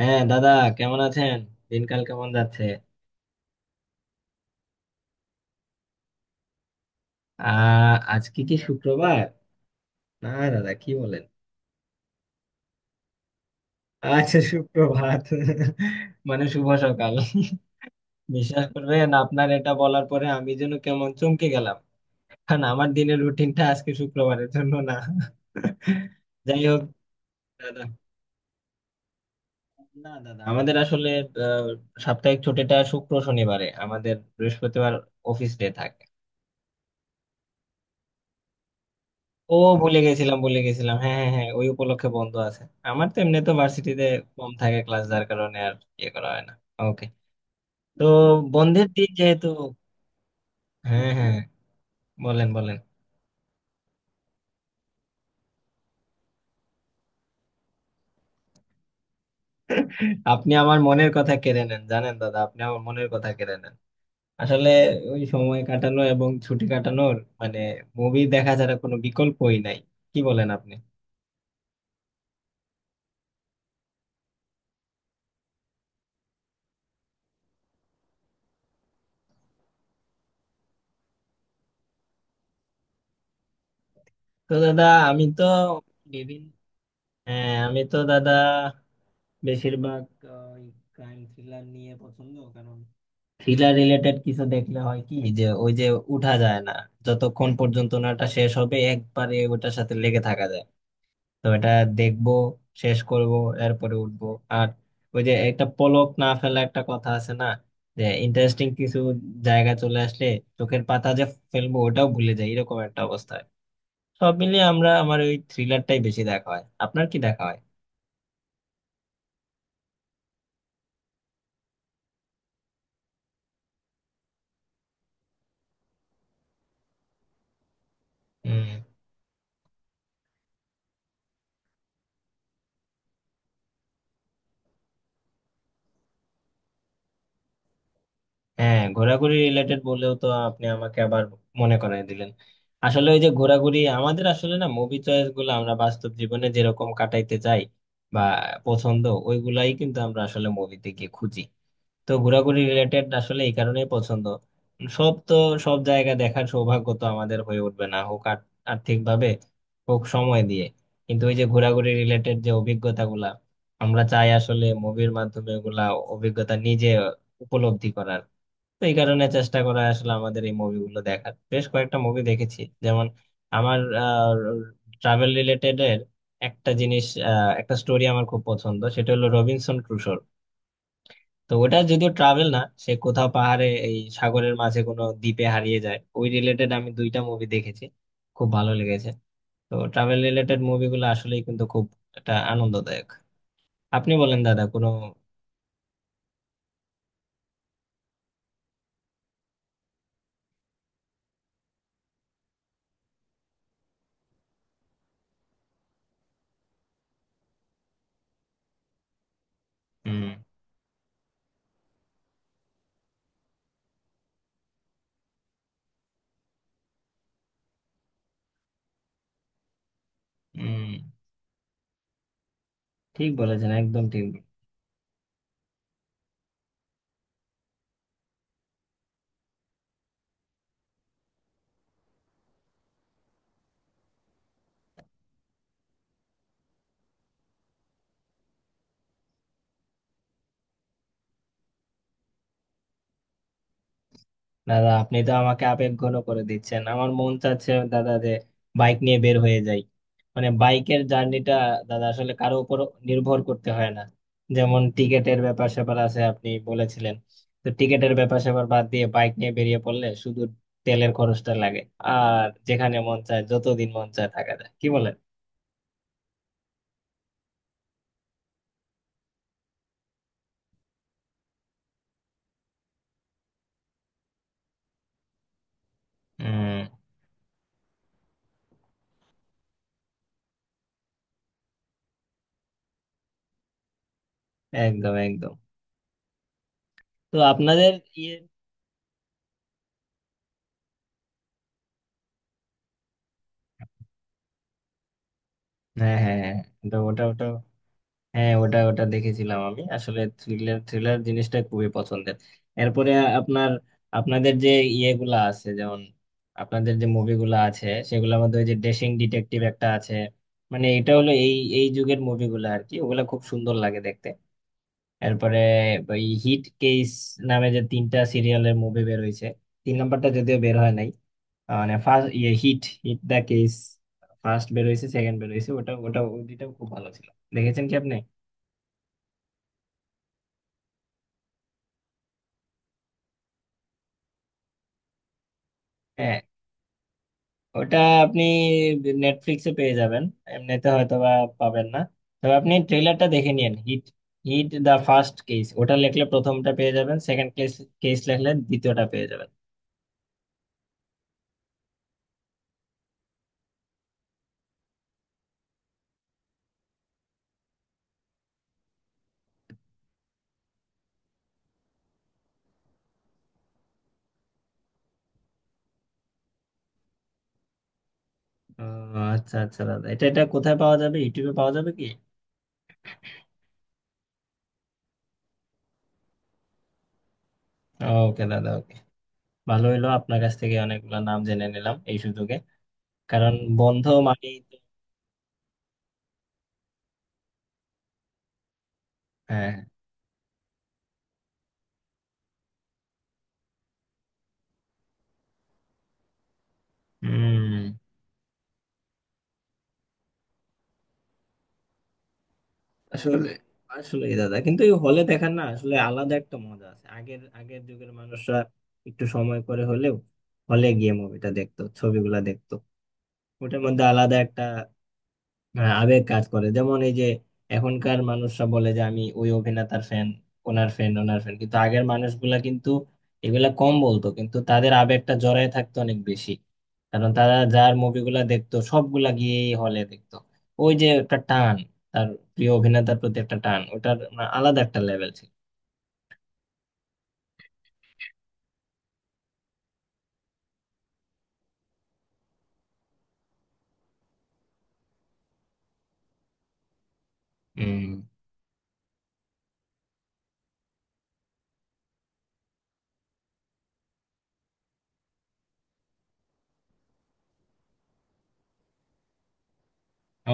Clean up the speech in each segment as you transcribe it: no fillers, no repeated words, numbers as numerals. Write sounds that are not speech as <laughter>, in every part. হ্যাঁ দাদা, কেমন আছেন? দিনকাল কেমন যাচ্ছে? আজকে কি শুক্রবার? না দাদা কি বলেন। আচ্ছা, সুপ্রভাত। <laughs> মানে শুভ সকাল। <laughs> বিশ্বাস করবেন, আপনার এটা বলার পরে আমি যেন কেমন চমকে গেলাম, কারণ আমার দিনের রুটিনটা আজকে শুক্রবারের জন্য না। <laughs> যাই হোক দাদা। না দাদা, আমাদের আসলে আহ, সাপ্তাহিক ছুটিটা শুক্র শনিবারে, আমাদের বৃহস্পতিবার অফিস ডে থাকে। ও, ভুলে গেছিলাম, ভুলে গেছিলাম, হ্যাঁ হ্যাঁ হ্যাঁ, ওই উপলক্ষে বন্ধ আছে। আমার তো এমনি তো ভার্সিটিতে কম থাকে ক্লাস, যার কারণে আর ইয়ে করা হয় না। ওকে। তো বন্ধের দিন যেহেতু, হ্যাঁ হ্যাঁ, বলেন বলেন। আপনি আমার মনের কথা কেড়ে নেন, জানেন দাদা, আপনি আমার মনের কথা কেড়ে নেন। আসলে ওই সময় কাটানো এবং ছুটি কাটানোর মানে মুভি দেখা ছাড়া কোনো বিকল্পই নাই, কি বলেন আপনি? তো দাদা, আমি তো বিভিন্ন, হ্যাঁ আমি তো দাদা বেশিরভাগ আহ, ওই ক্রাইম থ্রিলার নিয়ে পছন্দ, কারণ থ্রিলার রিলেটেড কিছু দেখলে হয় কি, যে ওই যে উঠা যায় না, যতক্ষণ পর্যন্ত নাটা শেষ হবে একবারে ওটার সাথে লেগে থাকা যায়। তো এটা দেখবো, শেষ করব, এরপরে উঠবো। আর ওই যে একটা পলক না ফেলা একটা কথা আছে না, যে ইন্টারেস্টিং কিছু জায়গা চলে আসলে চোখের পাতা যে ফেলবো ওটাও ভুলে যাই, এরকম একটা অবস্থা হয়। সব মিলিয়ে আমার ওই থ্রিলারটাই বেশি দেখা হয়, আপনার কি দেখা হয়? হ্যাঁ, ঘোরাঘুরি রিলেটেড বলেও তো আপনি আমাকে আবার মনে করায় দিলেন। আসলে ওই যে ঘোরাঘুরি, আমাদের আসলে না মুভি চয়েস গুলো আমরা বাস্তব জীবনে যেরকম কাটাইতে চাই বা পছন্দ, ওইগুলাই কিন্তু আমরা আসলে মুভিতে গিয়ে খুঁজি। তো ঘোরাঘুরি রিলেটেড আসলে এই কারণেই পছন্দ। সব তো, সব জায়গা দেখার সৌভাগ্য তো আমাদের হয়ে উঠবে না, হোক আর আর্থিক ভাবে, হোক সময় দিয়ে। কিন্তু ওই যে ঘোরাঘুরি রিলেটেড যে অভিজ্ঞতা গুলা, আমরা চাই আসলে মুভির মাধ্যমে ওগুলা অভিজ্ঞতা নিজে উপলব্ধি করার। তো এই কারণে চেষ্টা করা আসলে আমাদের এই মুভিগুলো দেখার। বেশ কয়েকটা মুভি দেখেছি যেমন, আমার ট্রাভেল রিলেটেড এর একটা জিনিস, একটা স্টোরি আমার খুব পছন্দ, সেটা হলো রবিনসন ক্রুশোর। তো ওটা যদিও ট্রাভেল না, সে কোথাও পাহাড়ে এই সাগরের মাঝে কোনো দ্বীপে হারিয়ে যায়, ওই রিলেটেড আমি দুইটা মুভি দেখেছি, খুব ভালো লেগেছে। তো ট্রাভেল রিলেটেড মুভিগুলো আসলেই কিন্তু খুব একটা আনন্দদায়ক। আপনি বলেন দাদা, কোনো উম উম, ঠিক বলেছেন, একদম ঠিক। দাদা আপনি তো আমাকে আবেগঘন করে দিচ্ছেন, আমার মন চাচ্ছে দাদা যে বাইক নিয়ে বের হয়ে যাই। মানে বাইকের জার্নিটা দাদা আসলে কারো উপর নির্ভর করতে হয় না। যেমন টিকেটের ব্যাপার স্যাপার আছে আপনি বলেছিলেন, তো টিকেটের ব্যাপার স্যাপার বাদ দিয়ে বাইক নিয়ে বেরিয়ে পড়লে শুধু তেলের খরচটা লাগে, আর যেখানে মন চায় যতদিন মন চায় থাকা যায়, কি বলেন? হম, একদম একদম। তো আপনাদের ইয়ে, হ্যাঁ হ্যাঁ হ্যাঁ, তো ওটা ওটা হ্যাঁ, ওটা ওটা দেখেছিলাম। আমি আসলে থ্রিলার, থ্রিলার জিনিসটা খুবই পছন্দের। এরপরে আপনার, আপনাদের যে ইয়েগুলা আছে যেমন, আপনাদের যে মুভিগুলা আছে সেগুলোর মধ্যে ওই যে ডেসিং ডিটেকটিভ একটা আছে, মানে এটা হলো এই এই যুগের মুভিগুলা আর কি, ওগুলা খুব সুন্দর লাগে দেখতে। এরপরে ওই হিট কেস নামে যে তিনটা সিরিয়ালের মুভি বের হয়েছে, তিন নাম্বারটা যদিও বের হয় নাই। মানে ফার্স্ট ইয়ে hit, hit the case first বের হয়েছে, সেকেন্ড বের হয়েছে, ওটা ওটা ওই দুইটাও খুব ভালো ছিল। দেখেছেন কি আপনি? হ্যাঁ, ওটা আপনি নেটফ্লিক্সে পেয়ে যাবেন। এমনিতে হয়তো বা পাবেন না, তবে আপনি ট্রেলারটা দেখে নিন। Hit, hit the first case ওটা লিখলে প্রথমটা পেয়ে যাবেন, সেকেন্ড কেস, কেস লিখলে দ্বিতীয়টা পেয়ে যাবেন। আচ্ছা আচ্ছা দাদা, এটা এটা কোথায় পাওয়া যাবে, ইউটিউবে পাওয়া যাবে কি? ওকে দাদা, ওকে। ভালো হইলো, আপনার কাছ থেকে অনেকগুলো নাম জেনে নিলাম এই সুযোগে, কারণ বন্ধ মানেই তো- হ্যাঁ, হম। আসলে, আসলে দাদা কিন্তু এই হলে দেখার না, আসলে আলাদা একটা মজা আছে। আগের, আগের যুগের মানুষরা একটু সময় করে হলেও হলে গিয়ে মুভিটা দেখতো, ছবিগুলা দেখতো। ওটার মধ্যে আলাদা একটা, হ্যাঁ, আবেগ কাজ করে। যেমন এই যে এখনকার মানুষরা বলে যে আমি ওই অভিনেতার ফ্যান, ওনার ফ্যান, ওনার ফ্যান, কিন্তু আগের মানুষগুলা কিন্তু এগুলা কম বলতো, কিন্তু তাদের আবেগটা জড়ায় থাকতো অনেক বেশি, কারণ তারা যার মুভিগুলা দেখতো সবগুলা গিয়েই হলে দেখতো। ওই যে একটা টান, তার প্রিয় অভিনেতার প্রতি একটা টান, ওটার মানে আলাদা একটা লেভেল ছিল। হম,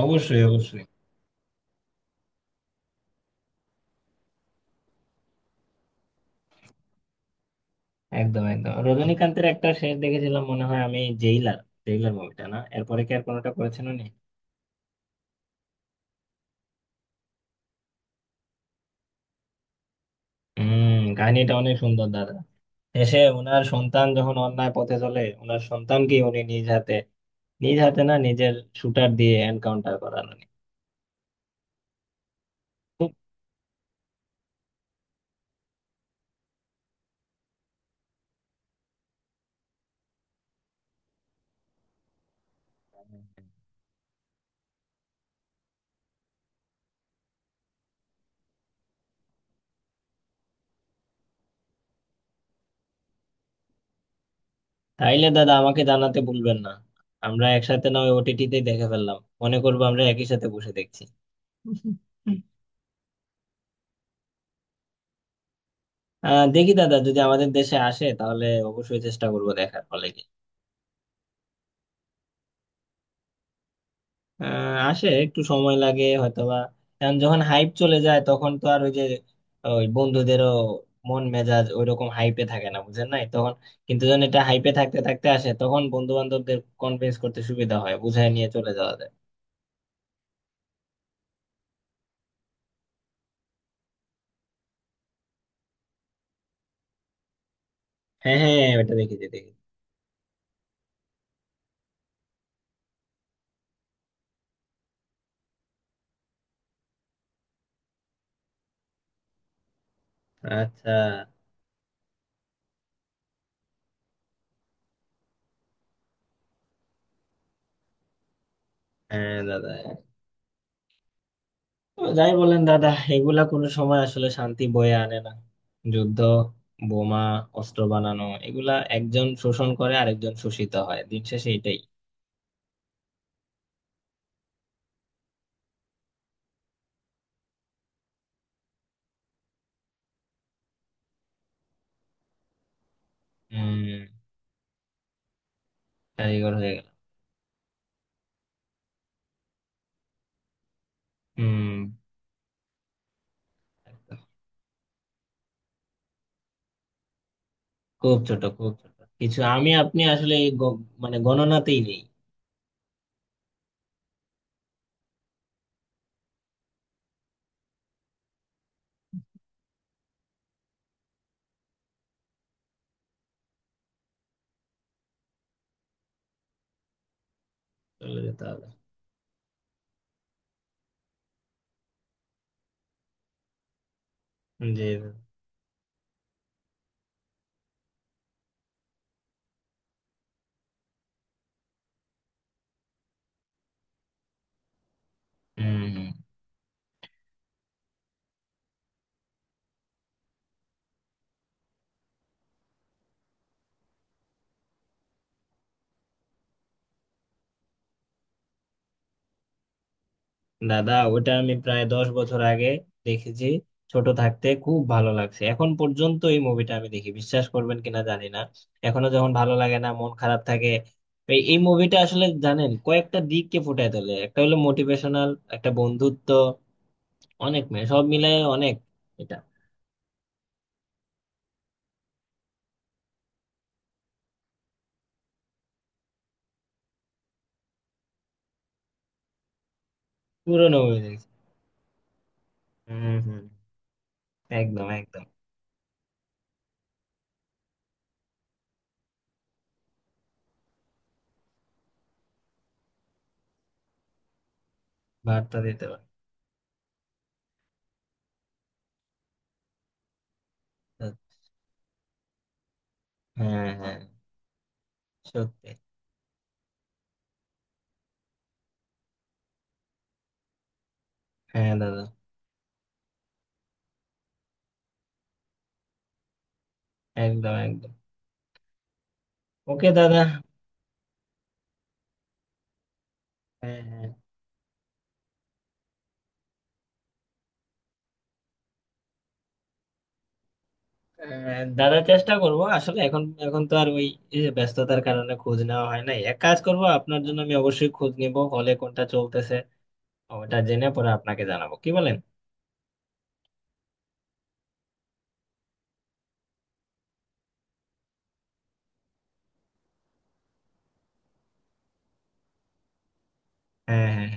অবশ্যই অবশ্যই। একদম একদম, রজনীকান্তের একটা শেষ দেখেছিলাম মনে হয় আমি, জেইলার, জেইলার মুভিটা না? এরপরে কি আর কোনোটা করেছেন উনি? হুম, কাহিনীটা অনেক সুন্দর দাদা। শেষে ওনার সন্তান যখন অন্যায় পথে চলে, ওনার সন্তানকে উনি নিজ হাতে, নিজ হাতে না, নিজের শুটার দিয়ে এনকাউন্টার করানো, খুব। তাইলে দাদা আমাকে জানাতে ভুলবেন না, আমরা একসাথে না ওই ওটিটিতে দেখে ফেললাম, মনে করবো আমরা একই সাথে বসে দেখছি। <laughs> আহ দেখি দাদা, যদি আমাদের দেশে আসে তাহলে অবশ্যই চেষ্টা করবো দেখার ফলে। আসে, একটু সময় লাগে হয়তোবা, কারণ যখন হাইপ চলে যায় তখন তো আর ওই যে ওই বন্ধুদেরও মন মেজাজ ওই রকম হাইপে থাকে না, বুঝেন নাই, তখন। কিন্তু যখন এটা হাইপে থাকতে থাকতে আসে তখন বন্ধু বান্ধবদের কনভিন্স করতে সুবিধা হয়, বুঝায় নিয়ে চলে যাওয়া যায়। হ্যাঁ হ্যাঁ, ওটা দেখেছি, দেখি। আচ্ছা। হ্যাঁ দাদা, তো যাই বলেন দাদা, এগুলা কোনো সময় আসলে শান্তি বয়ে আনে না। যুদ্ধ, বোমা, অস্ত্র বানানো, এগুলা একজন শোষণ করে আরেকজন শোষিত হয়, দিন শেষে এটাই। হম। কারিগর হয়ে গেলাম। হুম। একদম। খুব ছোট, খুব ছোট কিছু, আমি আপনি আসলে এই মানে গণনাতেই নেই। চলে যেতে হবে। জি। হুম হুম। দাদা ওটা আমি প্রায় 10 বছর আগে দেখেছি, ছোট থাকতে। খুব ভালো লাগছে, এখন পর্যন্ত এই মুভিটা আমি দেখি, বিশ্বাস করবেন কিনা জানি না। এখনো যখন ভালো লাগে না, মন খারাপ থাকে, এই এই মুভিটা আসলে, জানেন, কয়েকটা দিককে ফুটায় তোলে, একটা হলো মোটিভেশনাল, একটা বন্ধুত্ব, অনেক মেয়ে, সব মিলায় অনেক, এটা, পুরনো মুভি দেখছি। হম, একদম একদম। বার্তা দিতে পারে, হ্যাঁ হ্যাঁ, হ্যাঁ, সত্যি। হ্যাঁ দাদা, একদম একদম। ওকে দাদা, হ্যাঁ হ্যাঁ, আহ, দাদা চেষ্টা করব আসলে। এখন, এখন তো আর ওই এই যে ব্যস্ততার কারণে খোঁজ নেওয়া হয় নাই। এক কাজ করব, আপনার জন্য আমি অবশ্যই খোঁজ নিব হলে কোনটা চলতেছে, ওটা জেনে পরে আপনাকে জানাবো, কি বলেন? হ্যাঁ হ্যাঁ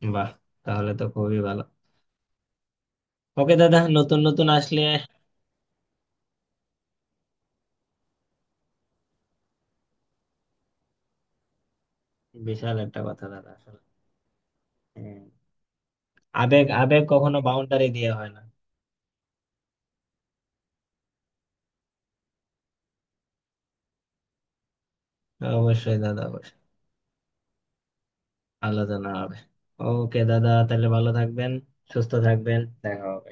হ্যাঁ, বাহ, তাহলে তো খুবই ভালো। ওকে দাদা, নতুন নতুন আসলে, বিশাল একটা কথা দাদা আসলে, হ্যাঁ, আবেগ, আবেগ কখনো বাউন্ডারি দিয়ে হয় না। অবশ্যই দাদা অবশ্যই। আলোচনা হবে। ওকে দাদা, তাহলে ভালো থাকবেন, সুস্থ থাকবেন, দেখা হবে।